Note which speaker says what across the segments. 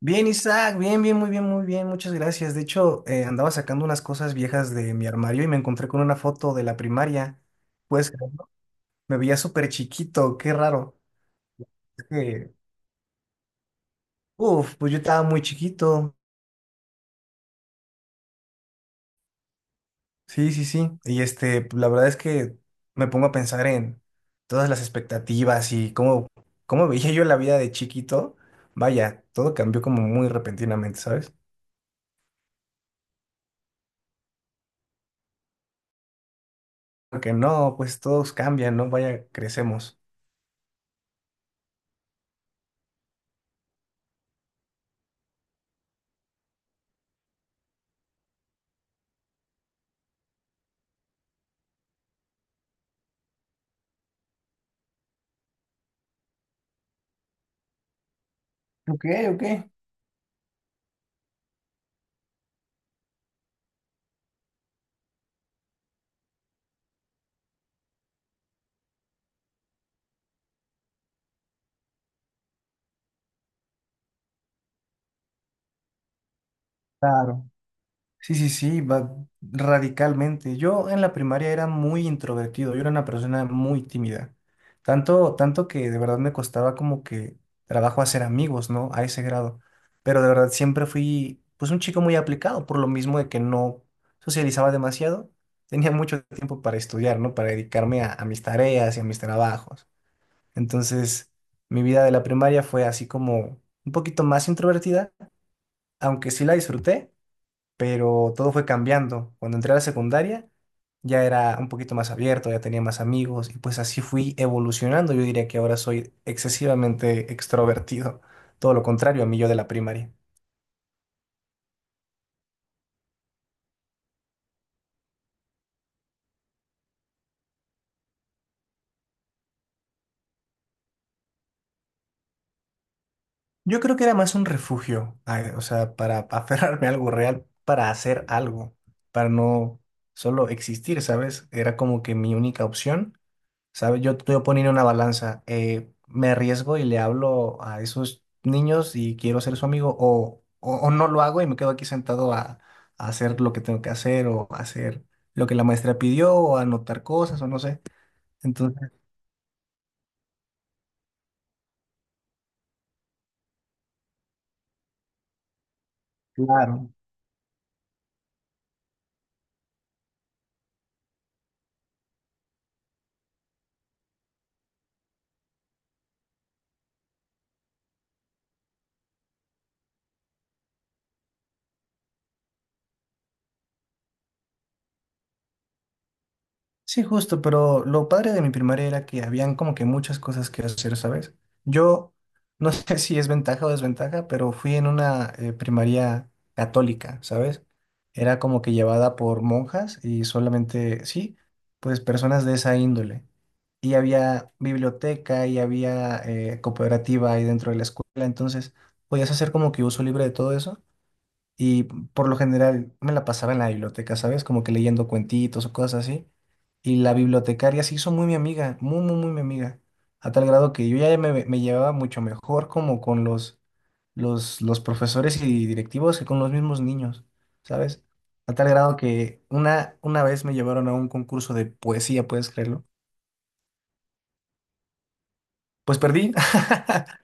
Speaker 1: Bien, Isaac, bien, bien, muy bien, muy bien, muchas gracias. De hecho, andaba sacando unas cosas viejas de mi armario y me encontré con una foto de la primaria. Pues me veía súper chiquito, qué raro. Es Uf, pues yo estaba muy chiquito. Sí, sí, sí. Y pues, la verdad es que me pongo a pensar en todas las expectativas y cómo veía yo la vida de chiquito. Vaya, todo cambió como muy repentinamente, ¿sabes? Porque no, pues todos cambian, ¿no? Vaya, crecemos. Ok, ok. Claro. Sí, sí, sí, va radicalmente. Yo en la primaria era muy introvertido, yo era una persona muy tímida. Tanto, tanto que de verdad me costaba como que trabajo hacer amigos, ¿no? A ese grado. Pero de verdad siempre fui, pues, un chico muy aplicado, por lo mismo de que no socializaba demasiado. Tenía mucho tiempo para estudiar, ¿no? Para dedicarme a mis tareas y a mis trabajos. Entonces, mi vida de la primaria fue así como un poquito más introvertida, aunque sí la disfruté pero todo fue cambiando. Cuando entré a la secundaria ya era un poquito más abierto, ya tenía más amigos y pues así fui evolucionando. Yo diría que ahora soy excesivamente extrovertido, todo lo contrario a mí yo de la primaria. Yo creo que era más un refugio, o sea, para aferrarme a algo real, para hacer algo, para no solo existir, ¿sabes? Era como que mi única opción. ¿Sabes? Yo estoy poniendo una balanza. Me arriesgo y le hablo a esos niños y quiero ser su amigo o no lo hago y me quedo aquí sentado a hacer lo que tengo que hacer o a hacer lo que la maestra pidió o a anotar cosas o no sé. Entonces, claro. Sí, justo, pero lo padre de mi primaria era que habían como que muchas cosas que hacer, ¿sabes? Yo no sé si es ventaja o desventaja, pero fui en una primaria católica, ¿sabes? Era como que llevada por monjas y solamente, sí, pues personas de esa índole. Y había biblioteca y había cooperativa ahí dentro de la escuela, entonces podías hacer como que uso libre de todo eso. Y por lo general me la pasaba en la biblioteca, ¿sabes? Como que leyendo cuentitos o cosas así. Y la bibliotecaria se hizo muy mi amiga, muy, muy, muy mi amiga. A tal grado que yo ya me llevaba mucho mejor como con los profesores y directivos que con los mismos niños, ¿sabes? A tal grado que una vez me llevaron a un concurso de poesía, ¿puedes creerlo? Pues perdí.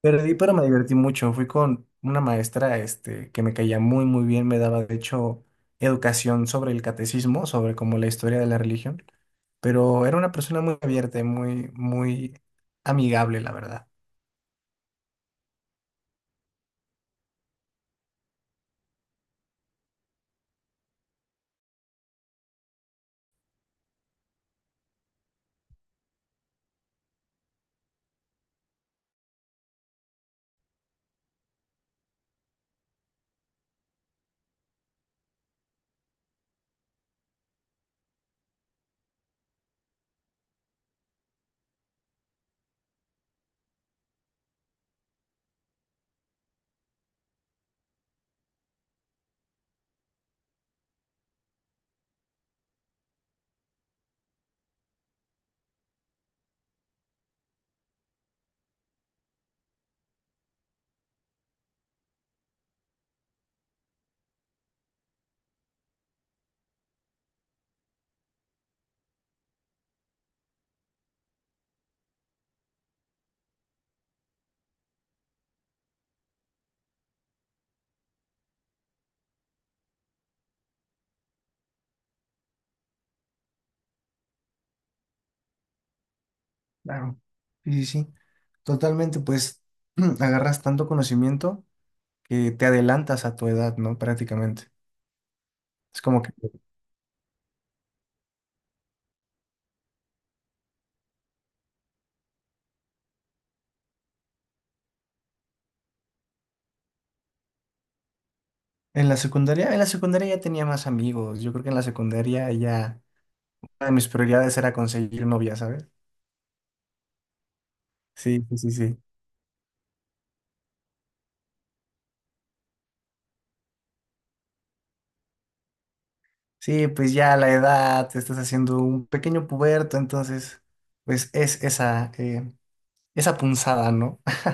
Speaker 1: Perdí, pero me divertí mucho. Fui con una maestra, este, que me caía muy, muy bien. Me daba, de hecho, educación sobre el catecismo, sobre como la historia de la religión. Pero era una persona muy abierta y muy, muy amigable, la verdad. Claro. Sí, sí, sí. Totalmente, pues, agarras tanto conocimiento que te adelantas a tu edad, ¿no? Prácticamente. Es como que en la secundaria ya tenía más amigos. Yo creo que en la secundaria ya una de mis prioridades era conseguir novia, ¿sabes? Sí, sí, sí, sí. Sí, pues ya la edad, te estás haciendo un pequeño puberto, entonces, pues es esa punzada, ¿no?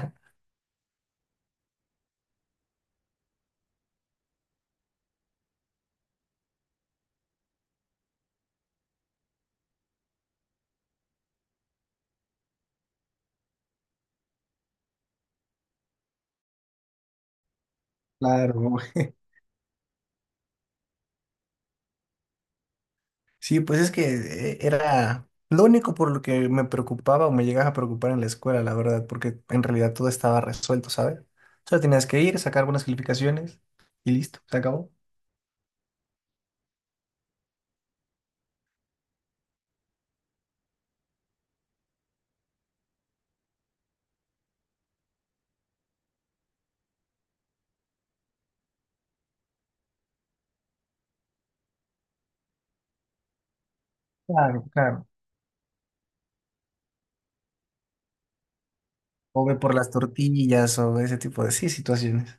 Speaker 1: Claro. Sí, pues es que era lo único por lo que me preocupaba o me llegaba a preocupar en la escuela, la verdad, porque en realidad todo estaba resuelto, ¿sabes? Solo tenías que ir, sacar buenas calificaciones y listo, se acabó. Claro, claro. O ve por las tortillas o ese tipo de sí, situaciones.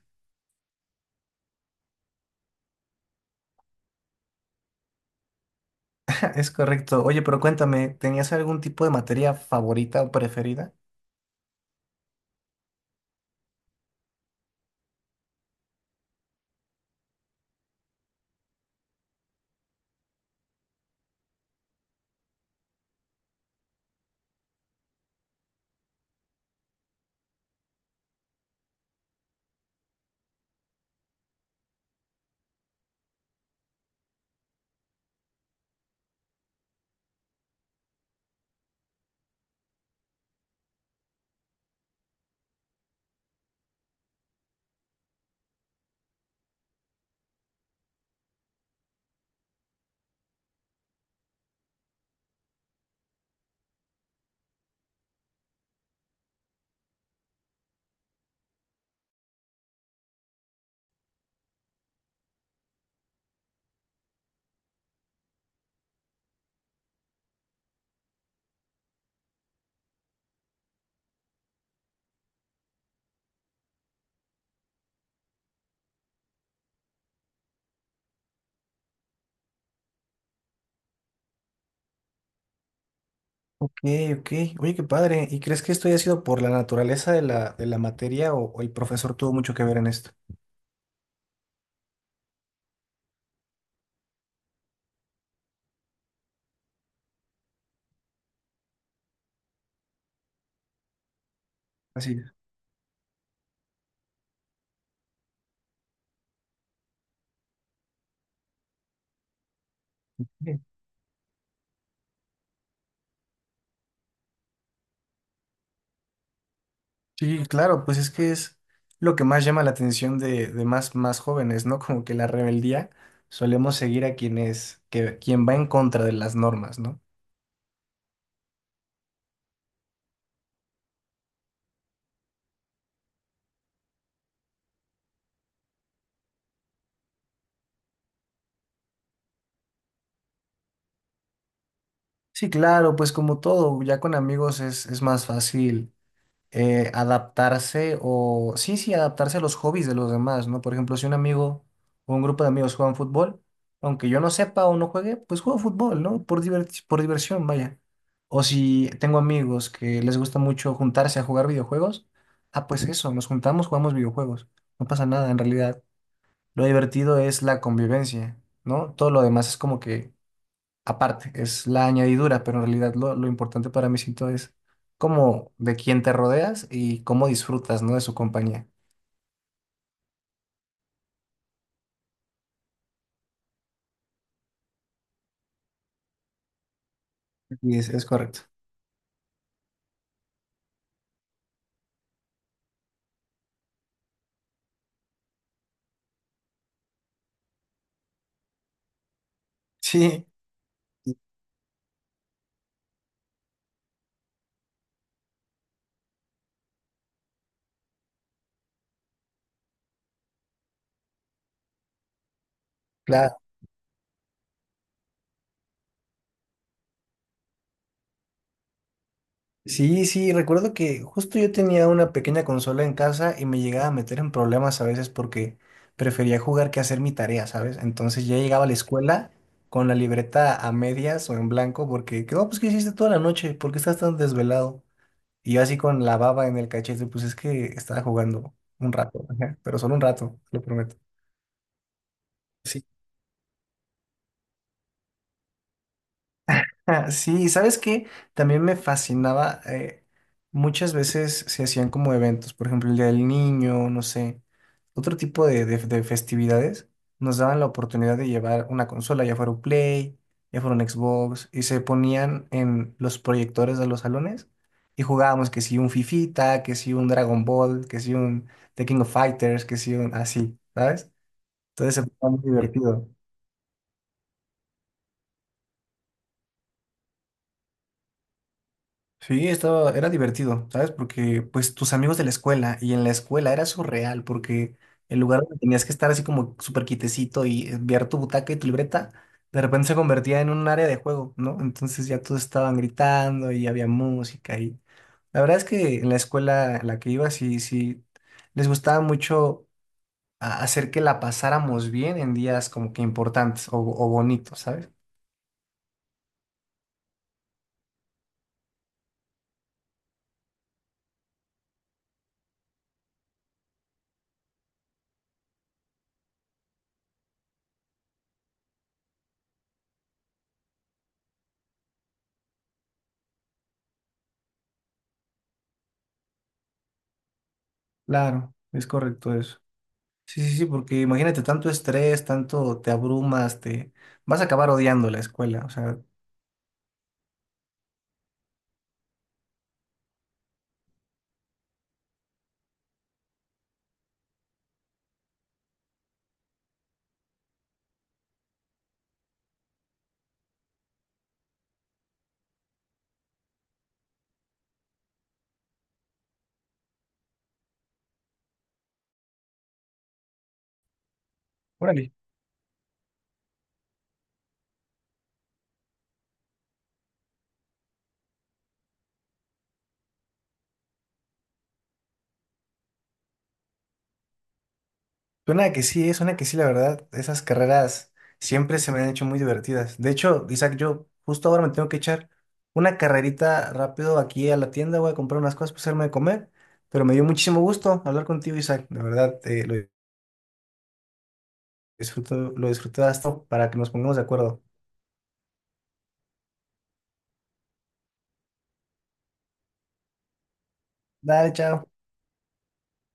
Speaker 1: Es correcto. Oye, pero cuéntame, ¿tenías algún tipo de materia favorita o preferida? Ok, ok. Oye, qué padre. ¿Y crees que esto haya sido por la naturaleza de de la materia o el profesor tuvo mucho que ver en esto? Así. Es. Sí, claro, pues es que es lo que más llama la atención de más, más jóvenes, ¿no? Como que la rebeldía solemos seguir a quien es, que, quien va en contra de las normas, ¿no? Sí, claro, pues como todo, ya con amigos es más fácil adaptarse sí, sí, adaptarse a los hobbies de los demás, ¿no? Por ejemplo, si un amigo o un grupo de amigos juegan fútbol, aunque yo no sepa o no juegue, pues juego fútbol, ¿no? Por diversión, vaya. O si tengo amigos que les gusta mucho juntarse a jugar videojuegos, ah, pues eso, nos juntamos, jugamos videojuegos. No pasa nada, en realidad. Lo divertido es la convivencia, ¿no? Todo lo demás es como que aparte, es la añadidura, pero en realidad lo importante para mí siento es como de quién te rodeas y cómo disfrutas, ¿no? De su compañía. Y es correcto. Sí. Claro. Sí, sí, recuerdo que justo yo tenía una pequeña consola en casa y me llegaba a meter en problemas a veces porque prefería jugar que hacer mi tarea, ¿sabes? Entonces ya llegaba a la escuela con la libreta a medias o en blanco porque, ¿qué, no, pues, ¿qué hiciste toda la noche? ¿Por qué estás tan desvelado? Y yo así con la baba en el cachete, pues es que estaba jugando un rato, ajá, pero solo un rato, lo prometo. Sí. Ah, sí, y sabes que también me fascinaba, muchas veces se hacían como eventos, por ejemplo, el Día del Niño, no sé, otro tipo de, de festividades, nos daban la oportunidad de llevar una consola, ya fuera un Play, ya fuera un Xbox, y se ponían en los proyectores de los salones y jugábamos que si un Fifita, que si un Dragon Ball, que si un The King of Fighters, que si un así, ¿sabes? Entonces se ponía muy divertido. Sí, estaba, era divertido, ¿sabes? Porque pues tus amigos de la escuela y en la escuela era surreal porque el lugar donde tenías que estar así como súper quitecito y enviar tu butaca y tu libreta, de repente se convertía en un área de juego, ¿no? Entonces ya todos estaban gritando y había música y la verdad es que en la escuela a la que iba sí, sí, les gustaba mucho hacer que la pasáramos bien en días como que importantes o bonitos, ¿sabes? Claro, es correcto eso. Sí, sí, sí, porque imagínate tanto estrés, tanto te abrumas, te vas a acabar odiando la escuela. O sea, órale. Suena que sí, suena que sí, la verdad. Esas carreras siempre se me han hecho muy divertidas. De hecho, Isaac, yo justo ahora me tengo que echar una carrerita rápido aquí a la tienda, voy a comprar unas cosas para hacerme de comer. Pero me dio muchísimo gusto hablar contigo, Isaac. De verdad, lo disfruto, lo disfruté hasta para que nos pongamos de acuerdo. Dale, chao.